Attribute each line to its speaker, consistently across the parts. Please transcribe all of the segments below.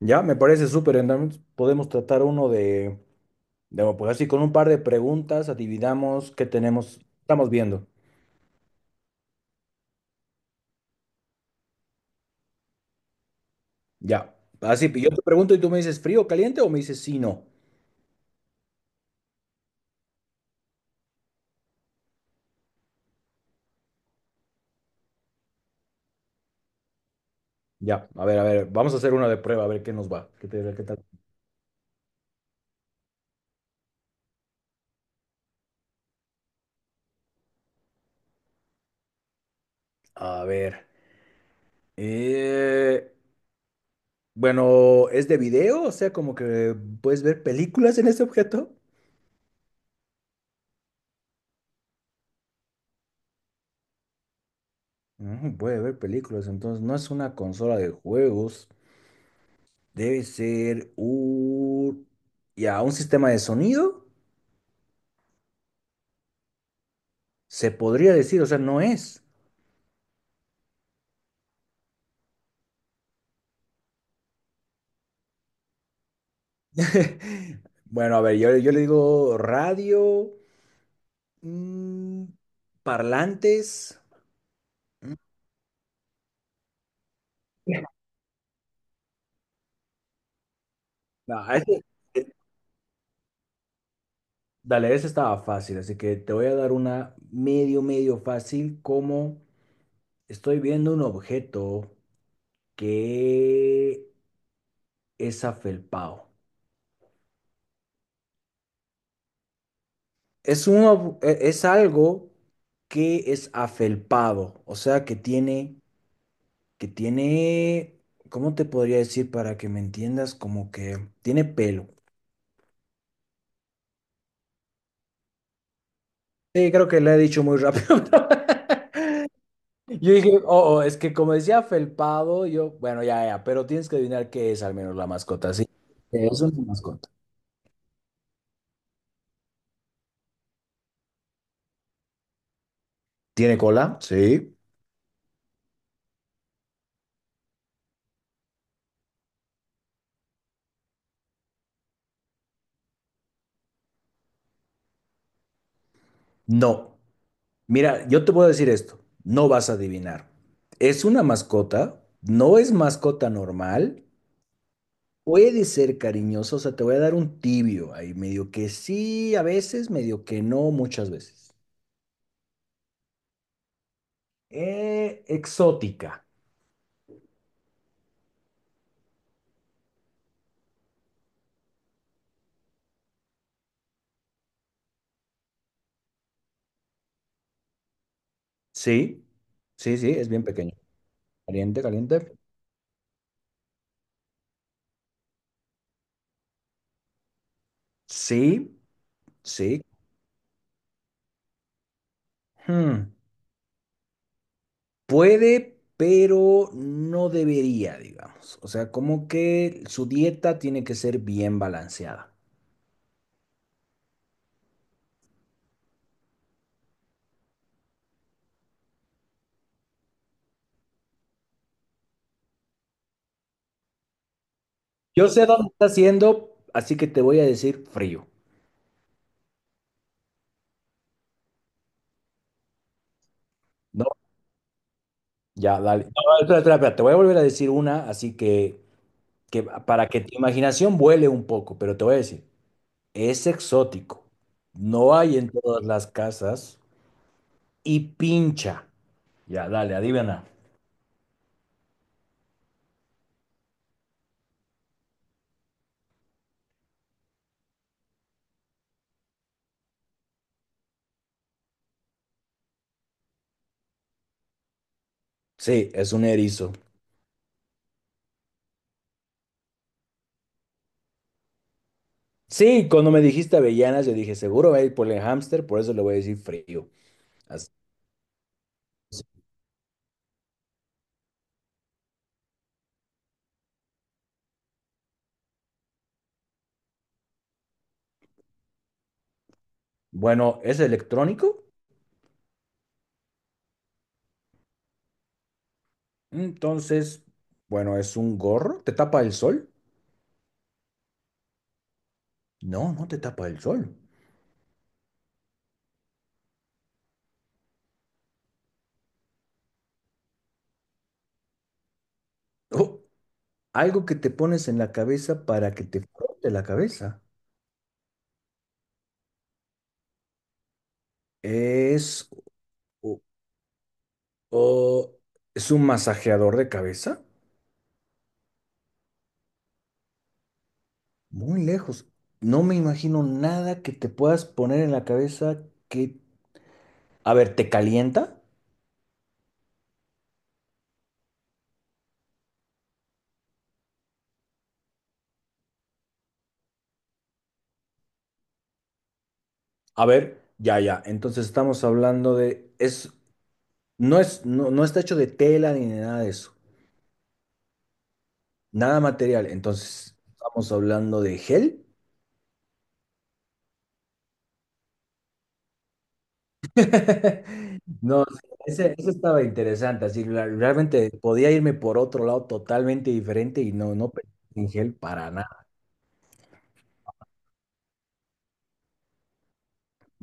Speaker 1: Ya, me parece súper. Entonces podemos tratar uno de, pues así, con un par de preguntas, adivinamos qué tenemos, estamos viendo. Ya, así, yo te pregunto y tú me dices frío, caliente o me dices sí, no. Ya, a ver, vamos a hacer una de prueba, a ver qué nos va. ¿ Qué tal? A ver. eh, bueno, ¿es de video? O sea, como que puedes ver películas en este objeto. Mm, puede ver películas, entonces no es una consola de juegos. Debe ser un... Ya, un sistema de sonido, se podría decir, o sea, no es. Bueno, a ver, yo le digo radio, mm, parlantes. Mm. No, ese- eh, Dale, ese estaba fácil, así que te voy a dar una medio, medio fácil, como estoy viendo un objeto que es afelpao. Es un ob- e- Es algo que es afelpado, o sea, que tiene, ¿cómo te podría decir para que me entiendas? Como que tiene pelo. Sí, creo que le he dicho muy rápido. Yo dije, oh, oh, es que como decía afelpado, yo, bueno, ya, ya, pero tienes que adivinar qué es al menos la mascota, ¿sí? Es una mascota. ¿Tiene cola? Sí. No. Mira, yo te puedo decir esto, no vas a adivinar. Es una mascota, no es mascota normal. Puede ser cariñoso, o sea, te voy a dar un tibio ahí, medio que sí, a veces, medio que no, muchas veces. Exótica. Sí, sí, sí, es bien pequeño. Caliente, caliente. Sí, sí. Hmm, puede, pero no debería, digamos. O sea, como que su dieta tiene que ser bien balanceada. Yo sé dónde está haciendo, así que te voy a decir frío. No, ya, dale. No, espera, espera, espera, te voy a volver a decir una, así que para que tu imaginación vuele un poco, pero te voy a decir, es exótico, no hay en todas las casas y pincha. Ya, dale, adivina. Sí, es un erizo. Sí, cuando me dijiste avellanas, yo dije, seguro va a ir por el hámster, por eso le voy a decir frío. Así. Bueno, ¿es electrónico? Entonces, bueno, ¿es un gorro? ¿Te tapa el sol? No, no te tapa el sol. Oh, algo que te pones en la cabeza para que te frote la cabeza. Es O es un masajeador de cabeza. Muy lejos. No me imagino nada que te puedas poner en la cabeza que... A ver, ¿te calienta? A ver, ya, ya. Entonces estamos hablando de... No, no está hecho de tela ni de nada de eso. Nada material. Entonces, ¿estamos hablando de gel? No, ese estaba interesante. Así, realmente podía irme por otro lado totalmente diferente y no, no pensé en gel para nada.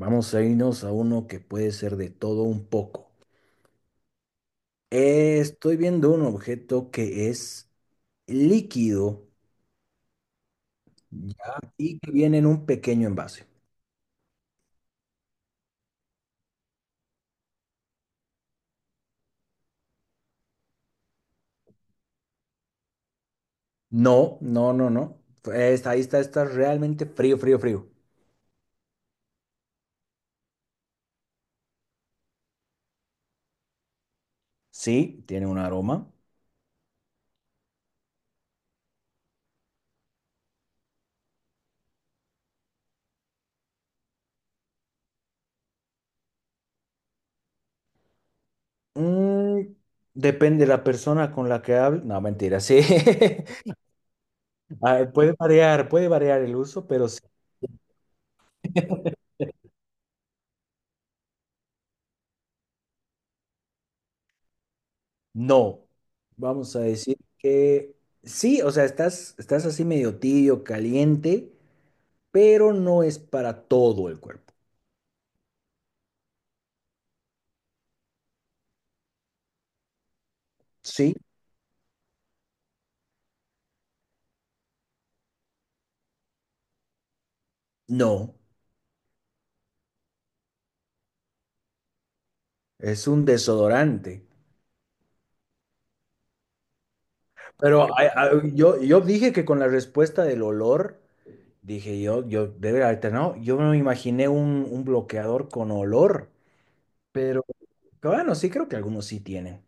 Speaker 1: Vamos a irnos a uno que puede ser de todo un poco. Estoy viendo un objeto que es líquido, ya, y que viene en un pequeño envase. No, no, no, no. Está, ahí está, está realmente frío, frío, frío. Sí, tiene un aroma. Mm, depende de la persona con la que hable. No, mentira, sí. Ah, puede variar el uso, pero sí. No, vamos a decir que sí, o sea, estás, estás así medio tibio, caliente, pero no es para todo el cuerpo. Sí, no, es un desodorante. Pero yo dije que con la respuesta del olor, dije yo debe haber alternado. Yo no me imaginé un bloqueador con olor, pero pero bueno, sí creo que algunos sí tienen,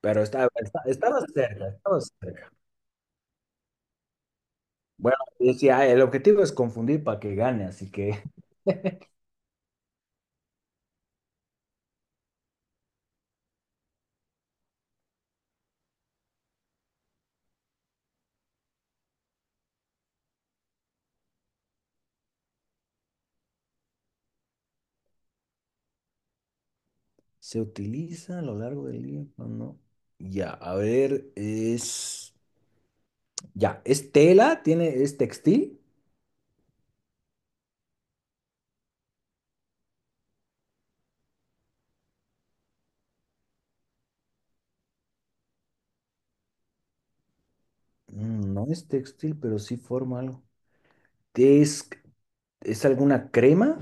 Speaker 1: pero estabas cerca, estabas cerca. Bueno, yo decía, "Ah, el objetivo es confundir para que gane, así que." Se utiliza a lo largo del día, ¿o no? Ya, a ver, es tela, tiene, es textil. Mm, no es textil, pero sí forma algo. Es, es alguna crema,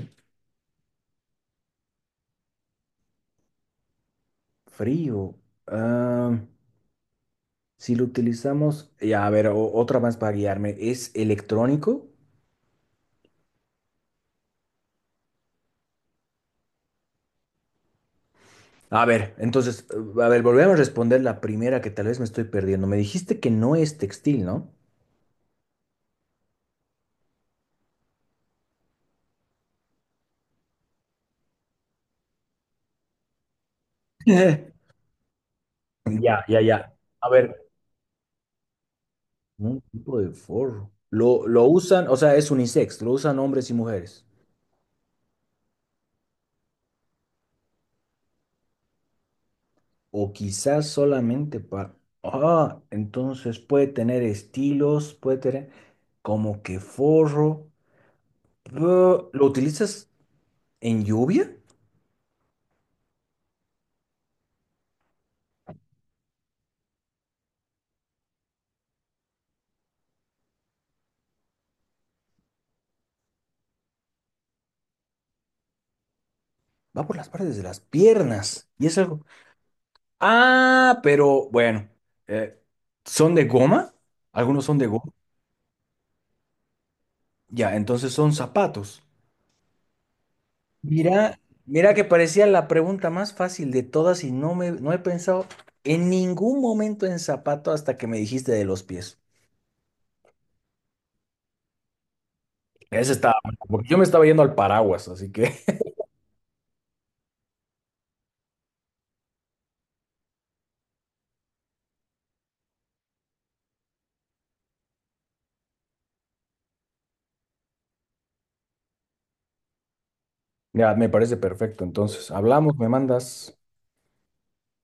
Speaker 1: frío. Ah, si lo utilizamos, ya, a ver, otra más para guiarme, ¿es electrónico? A ver, entonces, a ver, volvemos a responder la primera que tal vez me estoy perdiendo. Me dijiste que no es textil, ¿no? Ya, ya, ya. A ver, un tipo de forro. Lo usan, o sea, es unisex, lo usan hombres y mujeres. O quizás solamente para... Ah, entonces puede tener estilos, puede tener como que forro. Pero ¿lo utilizas en lluvia? Va por las partes de las piernas. Y es algo... Ah, pero bueno, eh, ¿son de goma? Algunos son de goma. Ya, entonces son zapatos. Mira, mira que parecía la pregunta más fácil de todas y no me, no he pensado en ningún momento en zapato hasta que me dijiste de los pies. Ese estaba, porque yo me estaba yendo al paraguas, así que ya me parece perfecto. Entonces, hablamos, me mandas.